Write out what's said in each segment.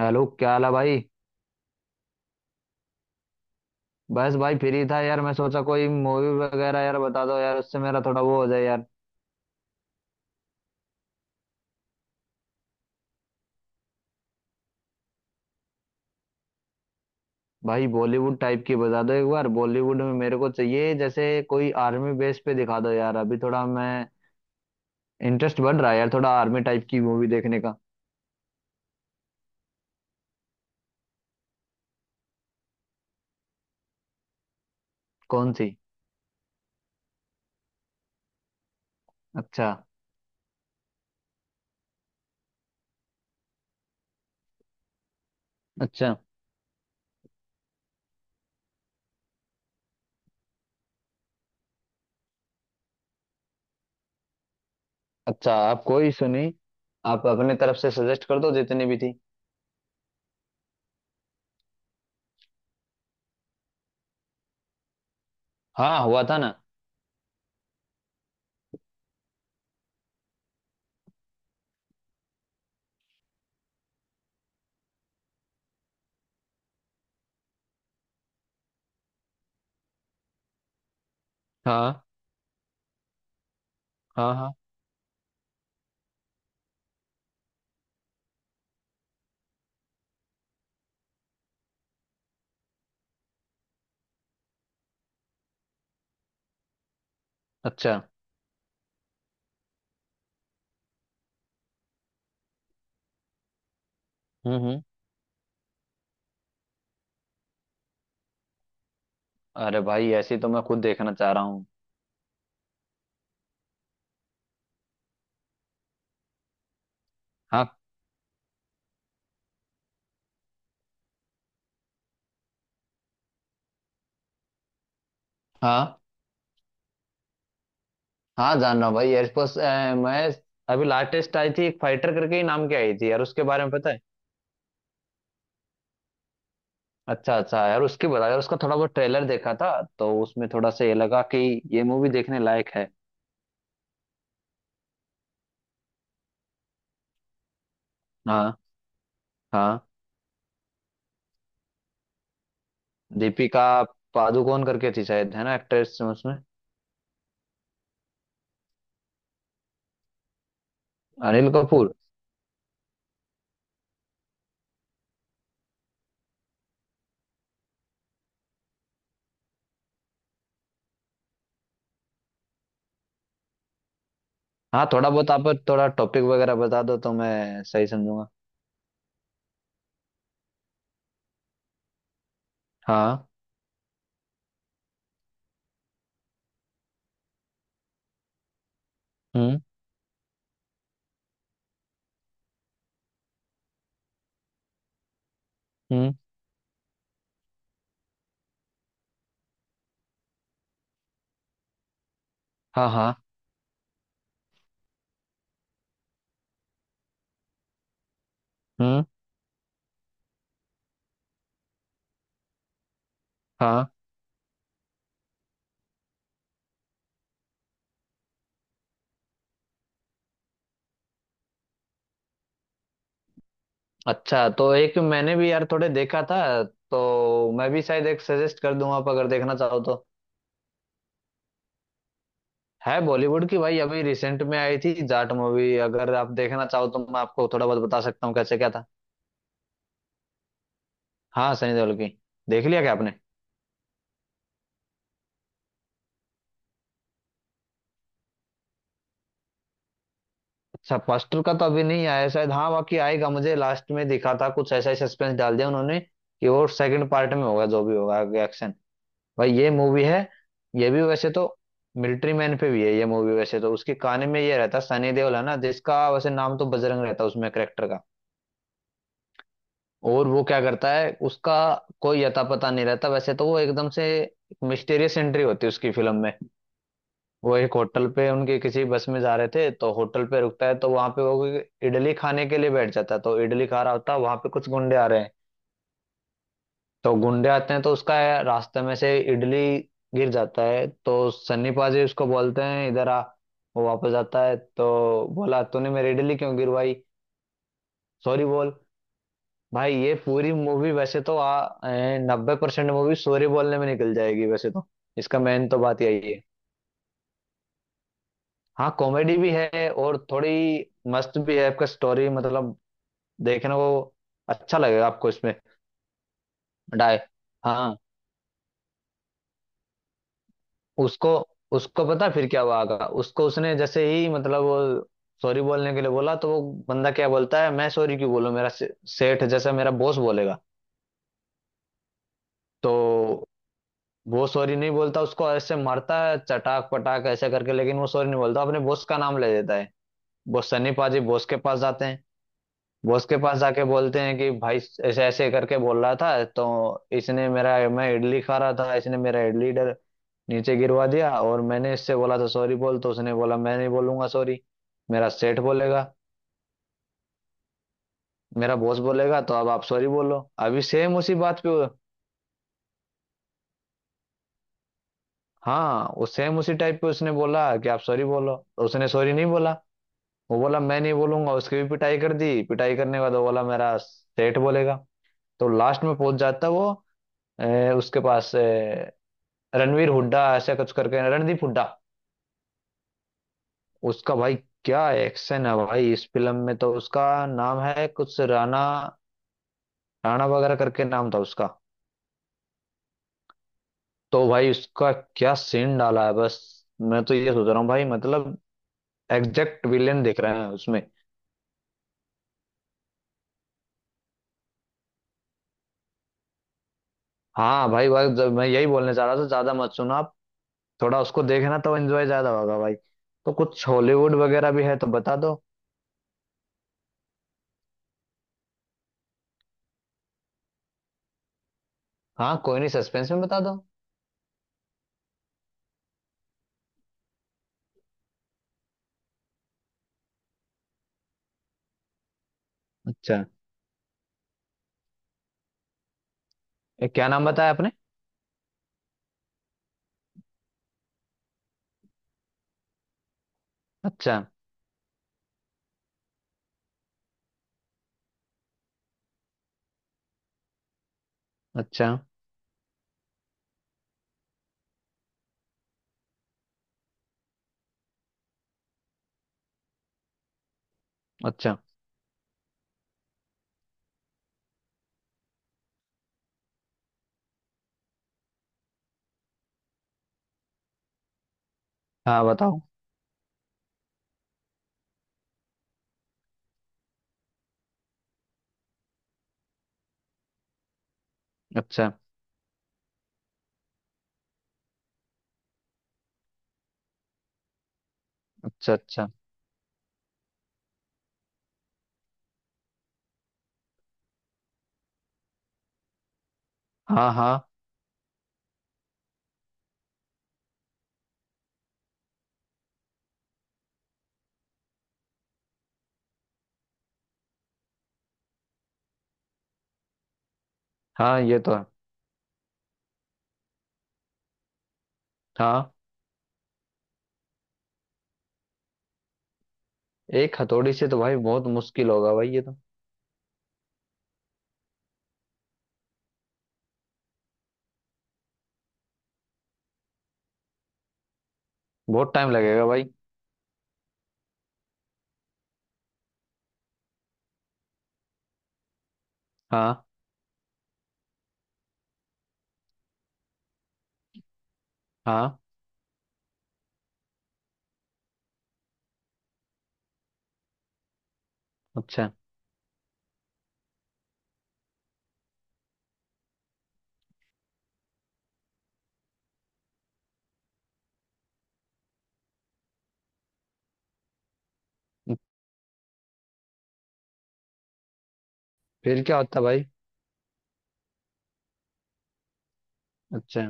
Hello क्या हाल है भाई। बस भाई फ्री था यार, मैं सोचा कोई मूवी वगैरह यार बता दो यार, उससे मेरा थोड़ा वो हो जाए यार। भाई बॉलीवुड टाइप की बता दो एक बार। बॉलीवुड में मेरे को चाहिए जैसे कोई आर्मी बेस पे दिखा दो यार, अभी थोड़ा मैं इंटरेस्ट बढ़ रहा है यार, थोड़ा आर्मी टाइप की मूवी देखने का। कौन सी? अच्छा। अच्छा। अच्छा, आप कोई सुनी, आप अपने तरफ से सजेस्ट कर दो जितनी भी थी। हाँ हुआ था ना। हाँ। हाँ। हाँ। अच्छा। हम्म। हम्म। अरे भाई ऐसी तो मैं खुद देखना चाह रहा हूँ। हाँ। हाँ। हाँ जान रहा हूँ भाई एयरफोर्स। मैं अभी लाटेस्ट आई थी एक फाइटर करके ही नाम की आई थी यार, उसके बारे में पता है? अच्छा अच्छा यार उसकी बता यार, उसका थोड़ा बहुत ट्रेलर देखा था, तो उसमें थोड़ा सा ये लगा कि ये मूवी देखने लायक है। हाँ। हाँ। दीपिका पादुकोण करके थी शायद, है ना एक्ट्रेस उसमें? अनिल कपूर। हाँ, थोड़ा बहुत आप थोड़ा टॉपिक वगैरह बता दो तो मैं सही समझूंगा। हाँ। हम्म। हम्म। हाँ। हाँ। हम्म। हाँ। अच्छा तो एक मैंने भी यार थोड़े देखा था, तो मैं भी शायद एक सजेस्ट कर दूंगा आप अगर देखना चाहो तो। है बॉलीवुड की भाई, अभी रिसेंट में आई थी जाट मूवी, अगर आप देखना चाहो तो मैं आपको थोड़ा बहुत बता सकता हूँ कैसे क्या था। हाँ सनी देओल की। देख लिया क्या आपने? अच्छा, फर्स्ट का तो अभी नहीं आया शायद, हाँ बाकी आएगा। मुझे लास्ट में दिखा था कुछ ऐसा ही, सस्पेंस डाल दिया उन्होंने कि वो सेकंड पार्ट में होगा जो भी होगा एक्शन। भाई ये मूवी है, ये भी वैसे तो मिलिट्री मैन पे भी है ये मूवी। वैसे तो उसके कहानी में ये रहता है सनी देओल है ना, जिसका वैसे नाम तो बजरंग रहता है उसमें करेक्टर का। और वो क्या करता है उसका कोई अता पता नहीं रहता वैसे तो, वो एकदम से मिस्टीरियस एंट्री होती है उसकी फिल्म में। वो एक होटल पे, उनके किसी बस में जा रहे थे तो होटल पे रुकता है, तो वहां पे वो कोई इडली खाने के लिए बैठ जाता है। तो इडली खा रहा होता है वहां पे, कुछ गुंडे आ रहे हैं। तो गुंडे आते हैं तो उसका रास्ते में से इडली गिर जाता है। तो सन्नी पाजी उसको बोलते हैं इधर आ। वो वापस आता है तो बोला तूने मेरी इडली क्यों गिरवाई, सॉरी बोल। भाई ये पूरी मूवी वैसे तो आ 90% मूवी सॉरी बोलने में निकल जाएगी वैसे तो। इसका मेन तो बात यही है। हाँ कॉमेडी भी है और थोड़ी मस्त भी है, आपका स्टोरी मतलब देखने को अच्छा लगेगा आपको इसमें। डाय। हाँ उसको उसको पता फिर क्या हुआ आगा। उसको उसने जैसे ही मतलब वो सॉरी बोलने के लिए बोला, तो वो बंदा क्या बोलता है, मैं सॉरी क्यों बोलूं, सेठ जैसा, मेरा बॉस बोलेगा। तो वो सॉरी नहीं बोलता, उसको ऐसे मारता है चटाक पटाक ऐसे करके, लेकिन वो सॉरी नहीं बोलता, अपने बॉस का नाम ले देता है। वो सनी पाजी बॉस के पास जाते हैं। बॉस के पास जाके बोलते हैं कि भाई ऐसे ऐसे करके बोल रहा था, तो इसने मेरा मैं इडली खा रहा था, इसने मेरा इडली डर नीचे गिरवा दिया, और मैंने इससे बोला था सॉरी बोल, तो उसने बोला मैं नहीं बोलूंगा सॉरी, मेरा सेठ बोलेगा, मेरा बॉस बोलेगा, तो अब आप सॉरी बोलो। अभी सेम उसी बात पे। हाँ उस सेम उसी टाइप पे उसने बोला कि आप सॉरी बोलो, तो उसने सॉरी नहीं बोला। वो बोला मैं नहीं बोलूंगा, उसकी भी पिटाई कर दी। पिटाई करने के बाद वो बोला मेरा सेठ बोलेगा। तो लास्ट में पहुंच जाता वो उसके पास। रणवीर हुड्डा ऐसा कुछ करके रणदीप हुड्डा उसका भाई। क्या एक्शन है भाई इस फिल्म में। तो उसका नाम है कुछ राणा, राणा वगैरह करके नाम था उसका। तो भाई उसका क्या सीन डाला है, बस मैं तो ये सोच रहा हूँ भाई मतलब एग्जैक्ट विलेन दिख रहे हैं उसमें। हाँ भाई भाई जब मैं यही बोलने चाह रहा था, ज्यादा मत सुना आप, थोड़ा उसको देखना तो एंजॉय ज्यादा होगा भाई। तो कुछ हॉलीवुड वगैरह भी है तो बता दो। हाँ कोई नहीं, सस्पेंस में बता दो। अच्छा, क्या नाम बताया आपने? अच्छा। अच्छा। अच्छा। हाँ बताओ। अच्छा। अच्छा। अच्छा। हाँ। हाँ। हाँ ये तो है। हाँ एक हथौड़ी से तो भाई बहुत मुश्किल होगा भाई ये तो, बहुत टाइम लगेगा भाई। हाँ। हाँ। अच्छा। फिर क्या होता भाई? अच्छा।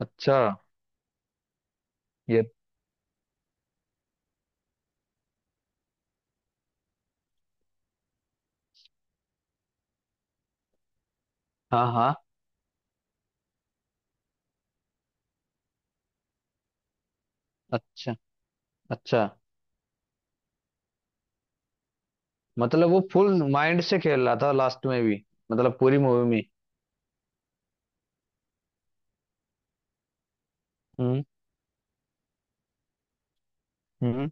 अच्छा। ये। हाँ। हाँ। अच्छा। अच्छा। मतलब वो फुल माइंड से खेल रहा था लास्ट में भी, मतलब पूरी मूवी में। हम्म। हम्म।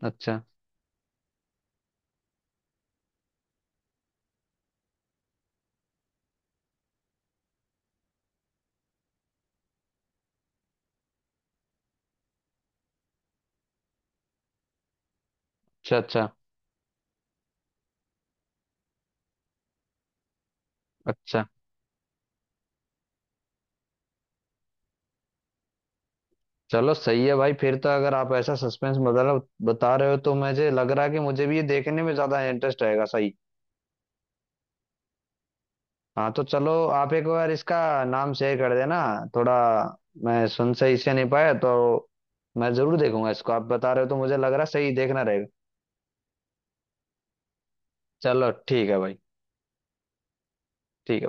अच्छा। अच्छा। अच्छा। अच्छा। चलो सही है भाई। फिर तो अगर आप ऐसा सस्पेंस मतलब बता रहे हो तो मुझे लग रहा है कि मुझे भी ये देखने में ज्यादा इंटरेस्ट आएगा सही। हाँ तो चलो आप एक बार इसका नाम शेयर कर देना थोड़ा, मैं सुन सही से नहीं पाया तो। मैं जरूर देखूंगा इसको, आप बता रहे हो तो मुझे लग रहा सही देखना रहेगा। चलो ठीक है भाई। ठीक है।